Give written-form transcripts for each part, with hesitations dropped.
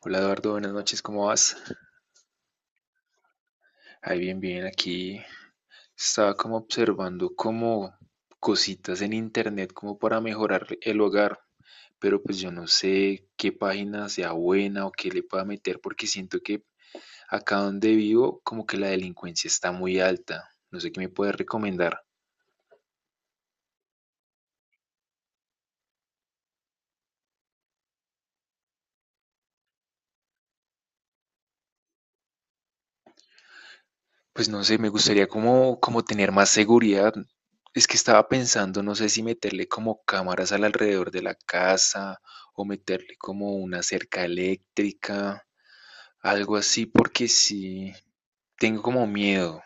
Hola Eduardo, buenas noches, ¿cómo vas? Ahí bien, bien, aquí estaba como observando como cositas en internet como para mejorar el hogar, pero pues yo no sé qué página sea buena o qué le pueda meter porque siento que acá donde vivo como que la delincuencia está muy alta. No sé qué me puedes recomendar. Pues no sé, me gustaría como, como tener más seguridad. Es que estaba pensando, no sé si meterle como cámaras al alrededor de la casa o meterle como una cerca eléctrica, algo así, porque sí, tengo como miedo.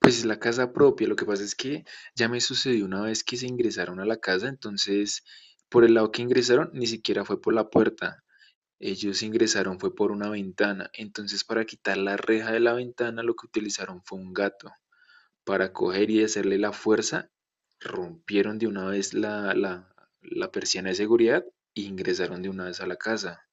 Pues es la casa propia, lo que pasa es que ya me sucedió una vez que se ingresaron a la casa. Entonces por el lado que ingresaron ni siquiera fue por la puerta, ellos ingresaron fue por una ventana. Entonces para quitar la reja de la ventana lo que utilizaron fue un gato, para coger y hacerle la fuerza, rompieron de una vez la persiana de seguridad e ingresaron de una vez a la casa.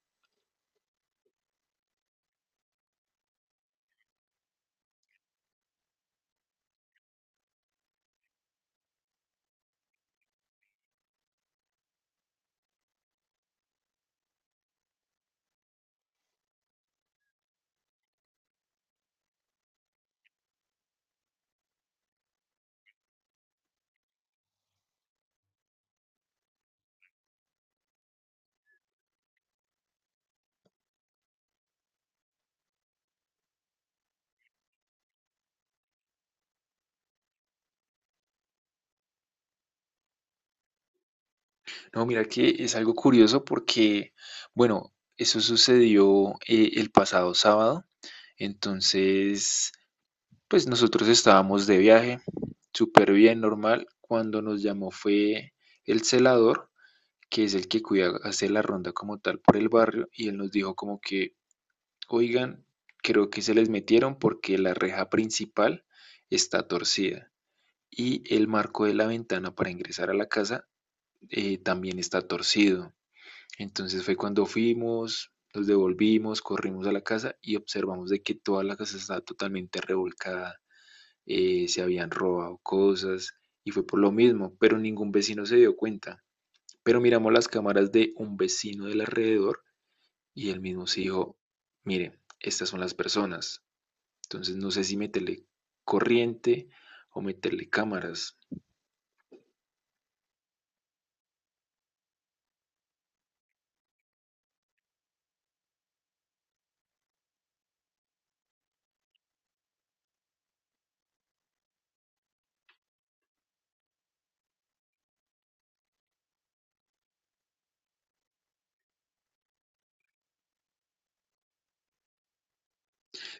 No, mira que es algo curioso porque, bueno, eso sucedió el pasado sábado. Entonces, pues nosotros estábamos de viaje, súper bien, normal. Cuando nos llamó fue el celador, que es el que cuida, hace la ronda como tal por el barrio, y él nos dijo como que: oigan, creo que se les metieron porque la reja principal está torcida y el marco de la ventana para ingresar a la casa también está torcido. Entonces fue cuando fuimos, nos devolvimos, corrimos a la casa y observamos de que toda la casa estaba totalmente revolcada, se habían robado cosas y fue por lo mismo, pero ningún vecino se dio cuenta. Pero miramos las cámaras de un vecino del alrededor y él mismo se dijo, miren, estas son las personas. Entonces no sé si meterle corriente o meterle cámaras.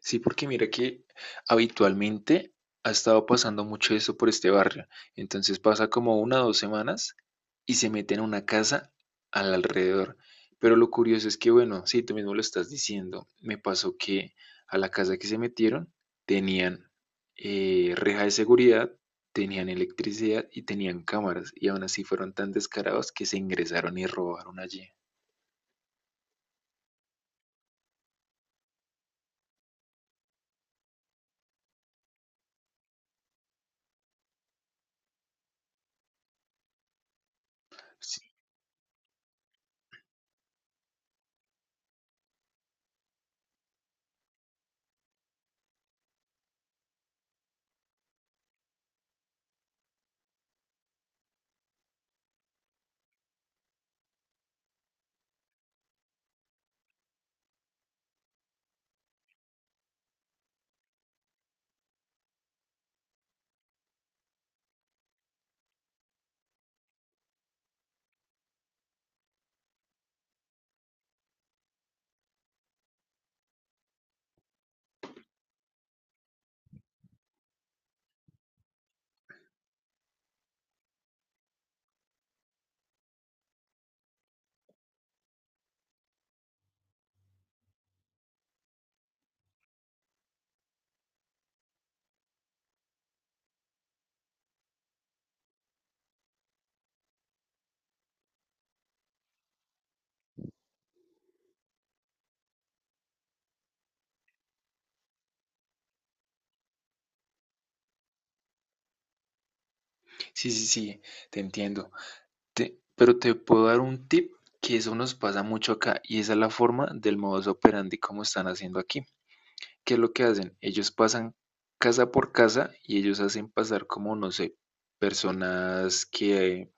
Sí, porque mira que habitualmente ha estado pasando mucho eso por este barrio. Entonces pasa como una o dos semanas y se meten a una casa al alrededor. Pero lo curioso es que, bueno, sí, tú mismo lo estás diciendo. Me pasó que a la casa que se metieron tenían reja de seguridad, tenían electricidad y tenían cámaras. Y aún así fueron tan descarados que se ingresaron y robaron allí. Sí, sí, sí, te entiendo. Pero te puedo dar un tip, que eso nos pasa mucho acá y esa es la forma del modus operandi como están haciendo aquí. ¿Qué es lo que hacen? Ellos pasan casa por casa y ellos hacen pasar como, no sé, personas que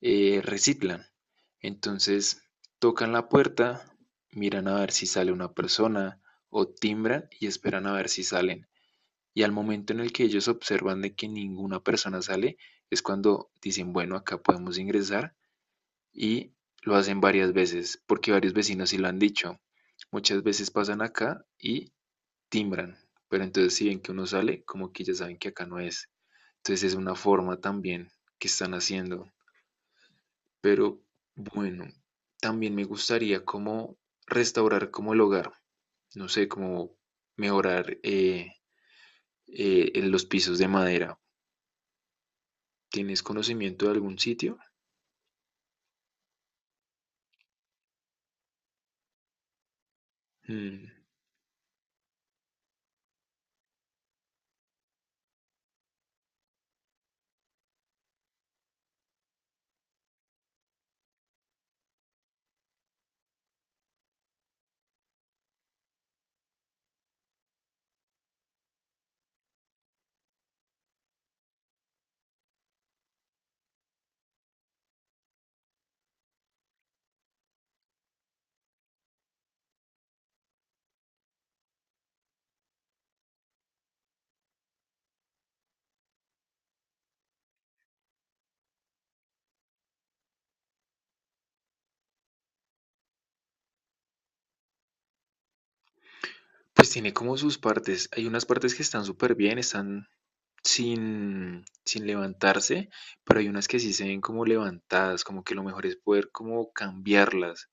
reciclan. Entonces, tocan la puerta, miran a ver si sale una persona o timbran y esperan a ver si salen, y al momento en el que ellos observan de que ninguna persona sale, es cuando dicen, bueno, acá podemos ingresar. Y lo hacen varias veces, porque varios vecinos sí lo han dicho. Muchas veces pasan acá y timbran, pero entonces si ven que uno sale, como que ya saben que acá no es. Entonces es una forma también que están haciendo. Pero bueno, también me gustaría como restaurar como el hogar, no sé, como mejorar los pisos de madera. ¿Tienes conocimiento de algún sitio? Mm. Pues tiene como sus partes. Hay unas partes que están súper bien, están sin levantarse, pero hay unas que sí se ven como levantadas, como que lo mejor es poder como cambiarlas.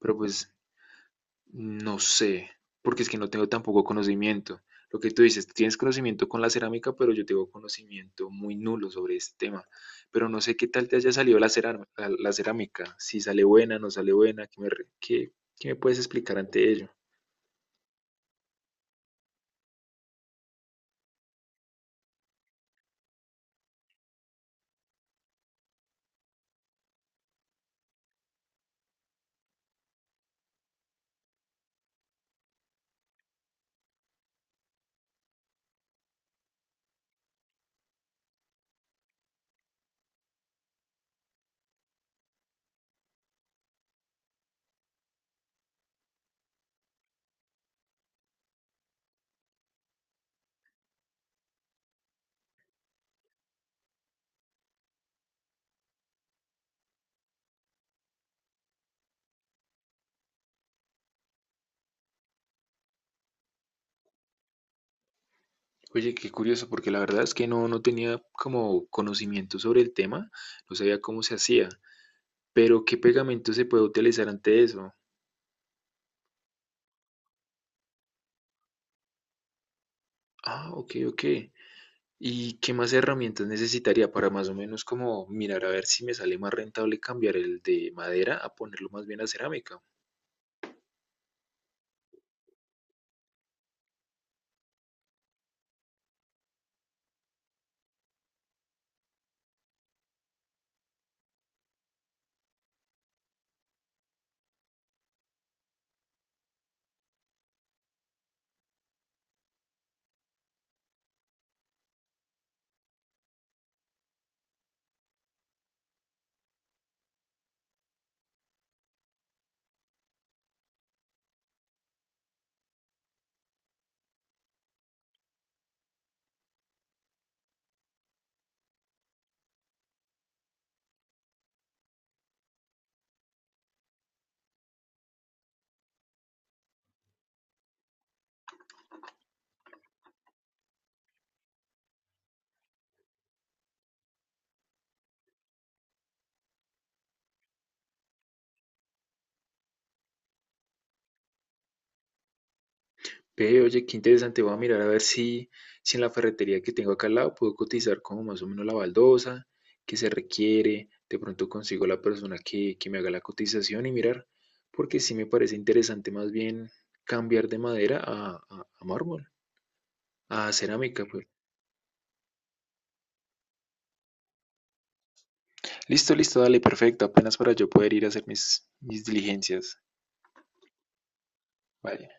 Pero pues no sé, porque es que no tengo tampoco conocimiento. Lo que tú dices, tú tienes conocimiento con la cerámica, pero yo tengo conocimiento muy nulo sobre este tema. Pero no sé qué tal te haya salido la cerámica, si sale buena, no sale buena. ¿Qué me puedes explicar ante ello? Oye, qué curioso, porque la verdad es que no, no tenía como conocimiento sobre el tema, no sabía cómo se hacía, pero ¿qué pegamento se puede utilizar ante eso? Ah, ok, ok. ¿Y qué más herramientas necesitaría para más o menos como mirar a ver si me sale más rentable cambiar el de madera a ponerlo más bien a cerámica? Ve, oye, qué interesante, voy a mirar a ver si, si en la ferretería que tengo acá al lado puedo cotizar como más o menos la baldosa que se requiere, de pronto consigo la persona que me haga la cotización y mirar, porque sí me parece interesante más bien cambiar de madera a mármol, a cerámica, pues. Listo, listo. Dale, perfecto. Apenas para yo poder ir a hacer mis diligencias. Vale.